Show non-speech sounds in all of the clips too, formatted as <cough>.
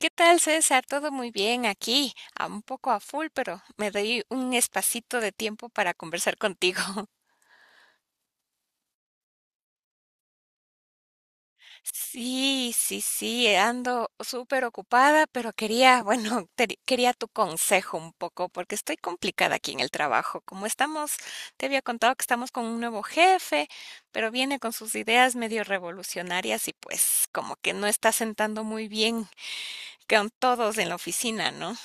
¿Qué tal, César? Todo muy bien aquí, a un poco a full, pero me doy un espacito de tiempo para conversar contigo. <laughs> Sí, sí, sí, ando súper ocupada, pero quería, bueno, quería tu consejo un poco, porque estoy complicada aquí en el trabajo. Como estamos, te había contado que estamos con un nuevo jefe, pero viene con sus ideas medio revolucionarias y pues como que no está sentando muy bien con todos en la oficina, ¿no?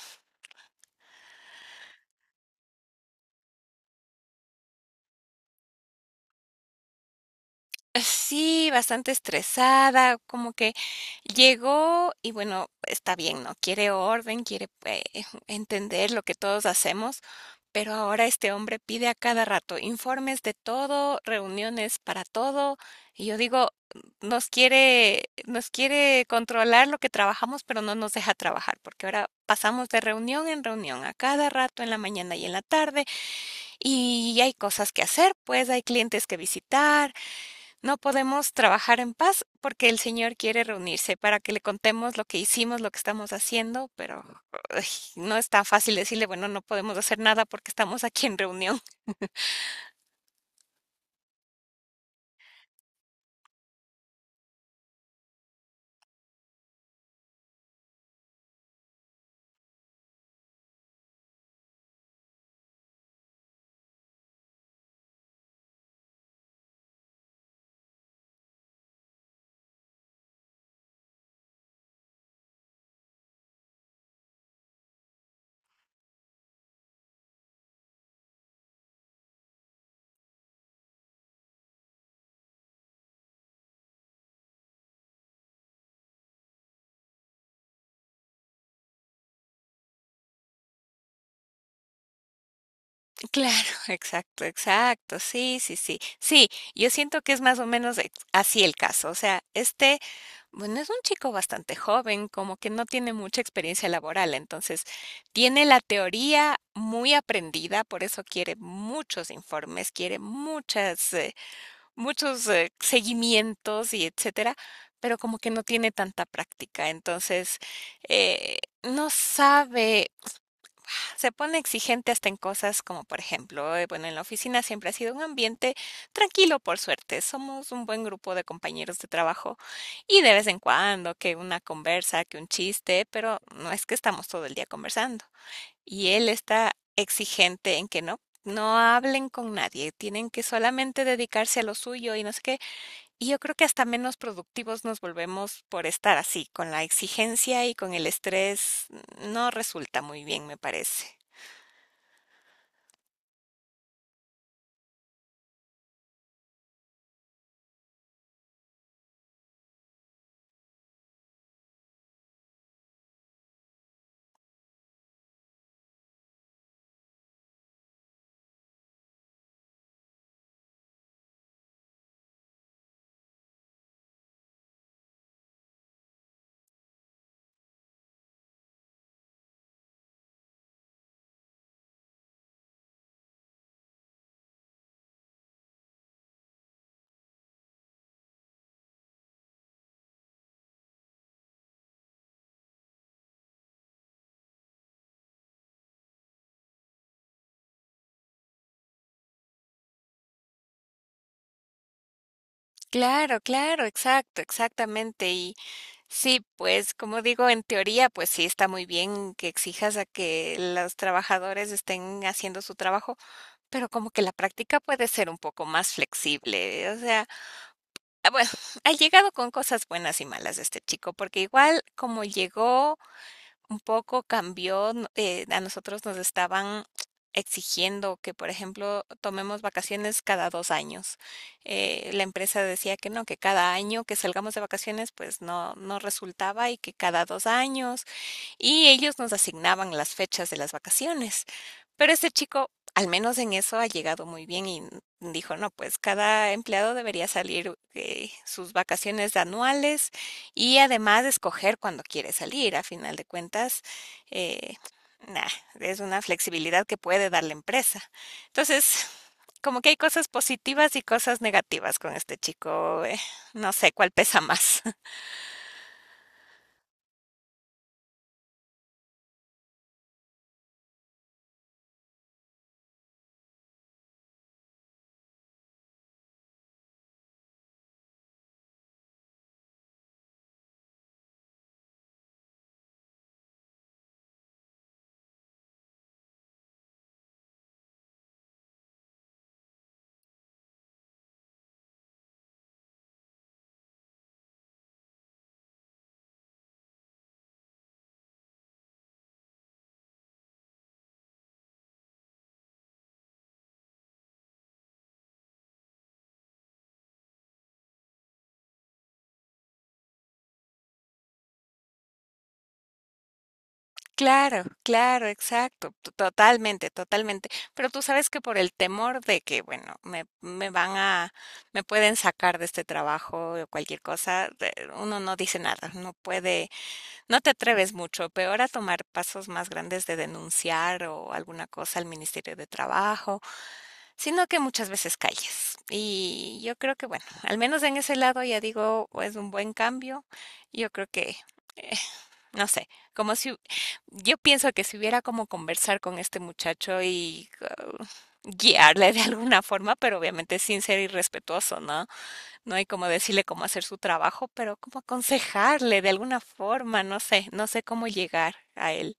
Sí, bastante estresada, como que llegó y bueno, está bien, ¿no? Quiere orden, quiere entender lo que todos hacemos, pero ahora este hombre pide a cada rato informes de todo, reuniones para todo, y yo digo, nos quiere controlar lo que trabajamos, pero no nos deja trabajar, porque ahora pasamos de reunión en reunión a cada rato en la mañana y en la tarde, y hay cosas que hacer, pues hay clientes que visitar. No podemos trabajar en paz porque el Señor quiere reunirse para que le contemos lo que hicimos, lo que estamos haciendo, pero ay, no está fácil decirle, bueno, no podemos hacer nada porque estamos aquí en reunión. <laughs> Claro, exacto, exacto, sí, sí, sí. Sí, yo siento que es más o menos así el caso. O sea, este, bueno, es un chico bastante joven, como que no tiene mucha experiencia laboral, entonces tiene la teoría muy aprendida, por eso quiere muchos informes, quiere muchas... muchos, seguimientos y etcétera, pero como que no tiene tanta práctica. Entonces, no sabe, <sighs> se pone exigente hasta en cosas como, por ejemplo, bueno, en la oficina siempre ha sido un ambiente tranquilo, por suerte. Somos un buen grupo de compañeros de trabajo y de vez en cuando que una conversa, que un chiste, pero no es que estamos todo el día conversando. Y él está exigente en que no. No hablen con nadie, tienen que solamente dedicarse a lo suyo y no sé qué. Y yo creo que hasta menos productivos nos volvemos por estar así, con la exigencia y con el estrés no resulta muy bien, me parece. Claro, claro, exacto, exactamente. Y sí, pues como digo, en teoría, pues sí está muy bien que exijas a que los trabajadores estén haciendo su trabajo, pero como que la práctica puede ser un poco más flexible. O sea, ah, bueno, <laughs> ha llegado con cosas buenas y malas este chico, porque igual como llegó un poco cambió, n a nosotros nos estaban exigiendo que, por ejemplo, tomemos vacaciones cada 2 años. La empresa decía que no, que cada año que salgamos de vacaciones, pues no resultaba y que cada 2 años, y ellos nos asignaban las fechas de las vacaciones. Pero este chico, al menos en eso, ha llegado muy bien y dijo, no, pues cada empleado debería salir sus vacaciones anuales y además escoger cuando quiere salir. A final de cuentas, eh, nah, es una flexibilidad que puede dar la empresa. Entonces, como que hay cosas positivas y cosas negativas con este chico. No sé cuál pesa más. Claro, claro, exacto, to totalmente, totalmente. Pero tú sabes que por el temor de que, bueno, me me van a me pueden sacar de este trabajo o cualquier cosa, de uno no dice nada, no puede, no te atreves mucho, peor a tomar pasos más grandes de denunciar o alguna cosa al Ministerio de Trabajo, sino que muchas veces calles. Y yo creo que, bueno, al menos en ese lado ya digo, es un buen cambio. Yo creo que eh, no sé, como si yo pienso que si hubiera como conversar con este muchacho y guiarle de alguna forma, pero obviamente sin ser irrespetuoso, ¿no? No hay como decirle cómo hacer su trabajo, pero como aconsejarle de alguna forma, no sé, no sé cómo llegar a él.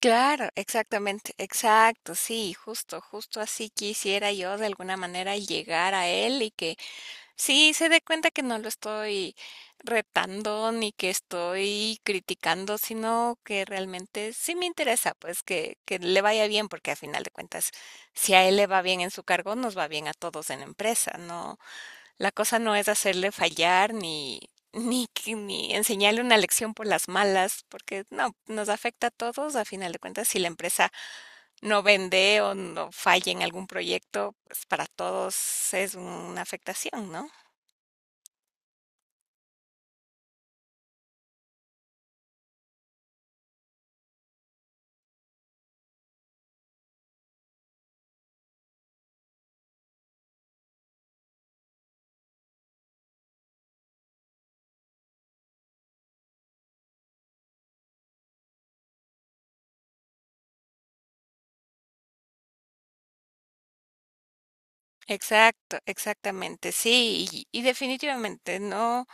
Claro, exactamente, exacto, sí, justo, justo así quisiera yo de alguna manera llegar a él y que sí, se dé cuenta que no lo estoy retando ni que estoy criticando, sino que realmente sí me interesa, pues que le vaya bien, porque a final de cuentas, si a él le va bien en su cargo, nos va bien a todos en la empresa, ¿no? La cosa no es hacerle fallar ni, ni, ni enseñarle una lección por las malas, porque no, nos afecta a todos, a final de cuentas, si la empresa no vende o no falla en algún proyecto, pues para todos es una afectación, ¿no? Exacto, exactamente, sí, y definitivamente no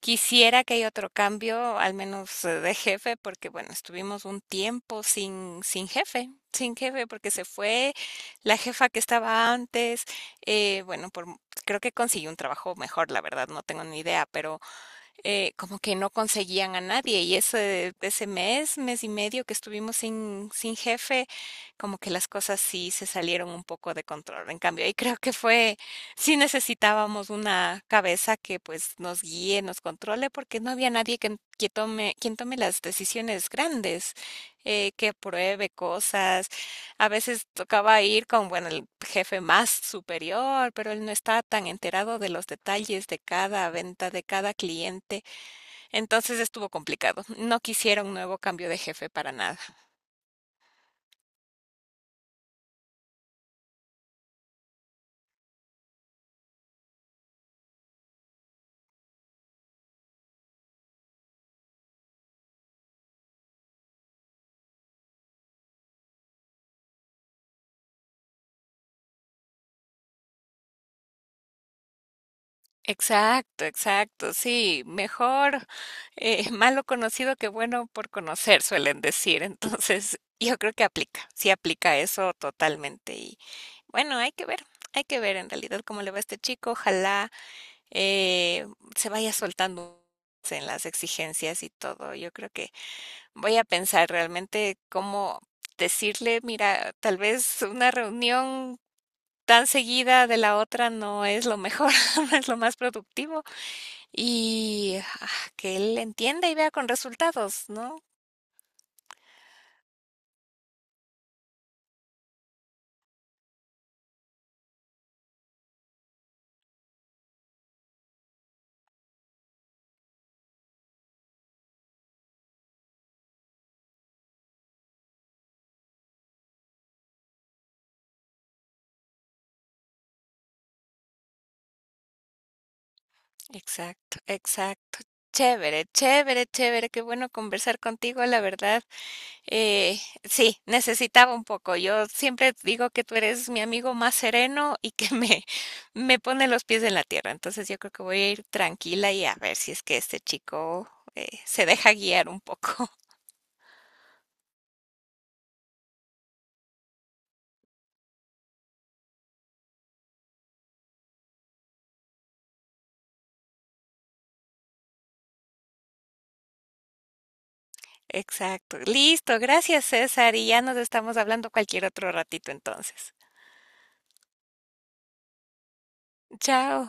quisiera que haya otro cambio, al menos de jefe, porque bueno, estuvimos un tiempo sin, sin jefe, porque se fue la jefa que estaba antes, bueno, por, creo que consiguió un trabajo mejor, la verdad, no tengo ni idea, pero como que no conseguían a nadie y ese mes, mes y medio que estuvimos sin, sin jefe, como que las cosas sí se salieron un poco de control. En cambio, ahí creo que fue, sí necesitábamos una cabeza que pues nos guíe, nos controle, porque no había nadie que, que tome, quien tome las decisiones grandes, que apruebe cosas. A veces tocaba ir con, bueno, el jefe más superior, pero él no está tan enterado de los detalles de cada venta, de cada cliente. Entonces estuvo complicado. No quisiera un nuevo cambio de jefe para nada. Exacto, exacto. Sí, mejor <laughs> malo conocido que bueno por conocer, suelen decir. Entonces, yo creo que aplica, sí aplica eso totalmente. Y bueno, hay que ver en realidad cómo le va a este chico. Ojalá eh, se vaya soltando en las exigencias y todo. Yo creo que voy a pensar realmente cómo decirle, mira, tal vez una reunión tan seguida de la otra no es lo mejor, <laughs> no es lo más productivo. Y que él entienda y vea con resultados, ¿no? Exacto, exacto. Chévere, chévere, chévere, qué bueno conversar contigo, la verdad. Sí, necesitaba un poco. Yo siempre digo que tú eres mi amigo más sereno y que <laughs> me pone los pies en la tierra. Entonces yo creo que voy a ir tranquila y a ver si es que este chico se deja guiar un poco. Exacto. Listo, gracias César, y ya nos estamos hablando cualquier otro ratito entonces. Chao.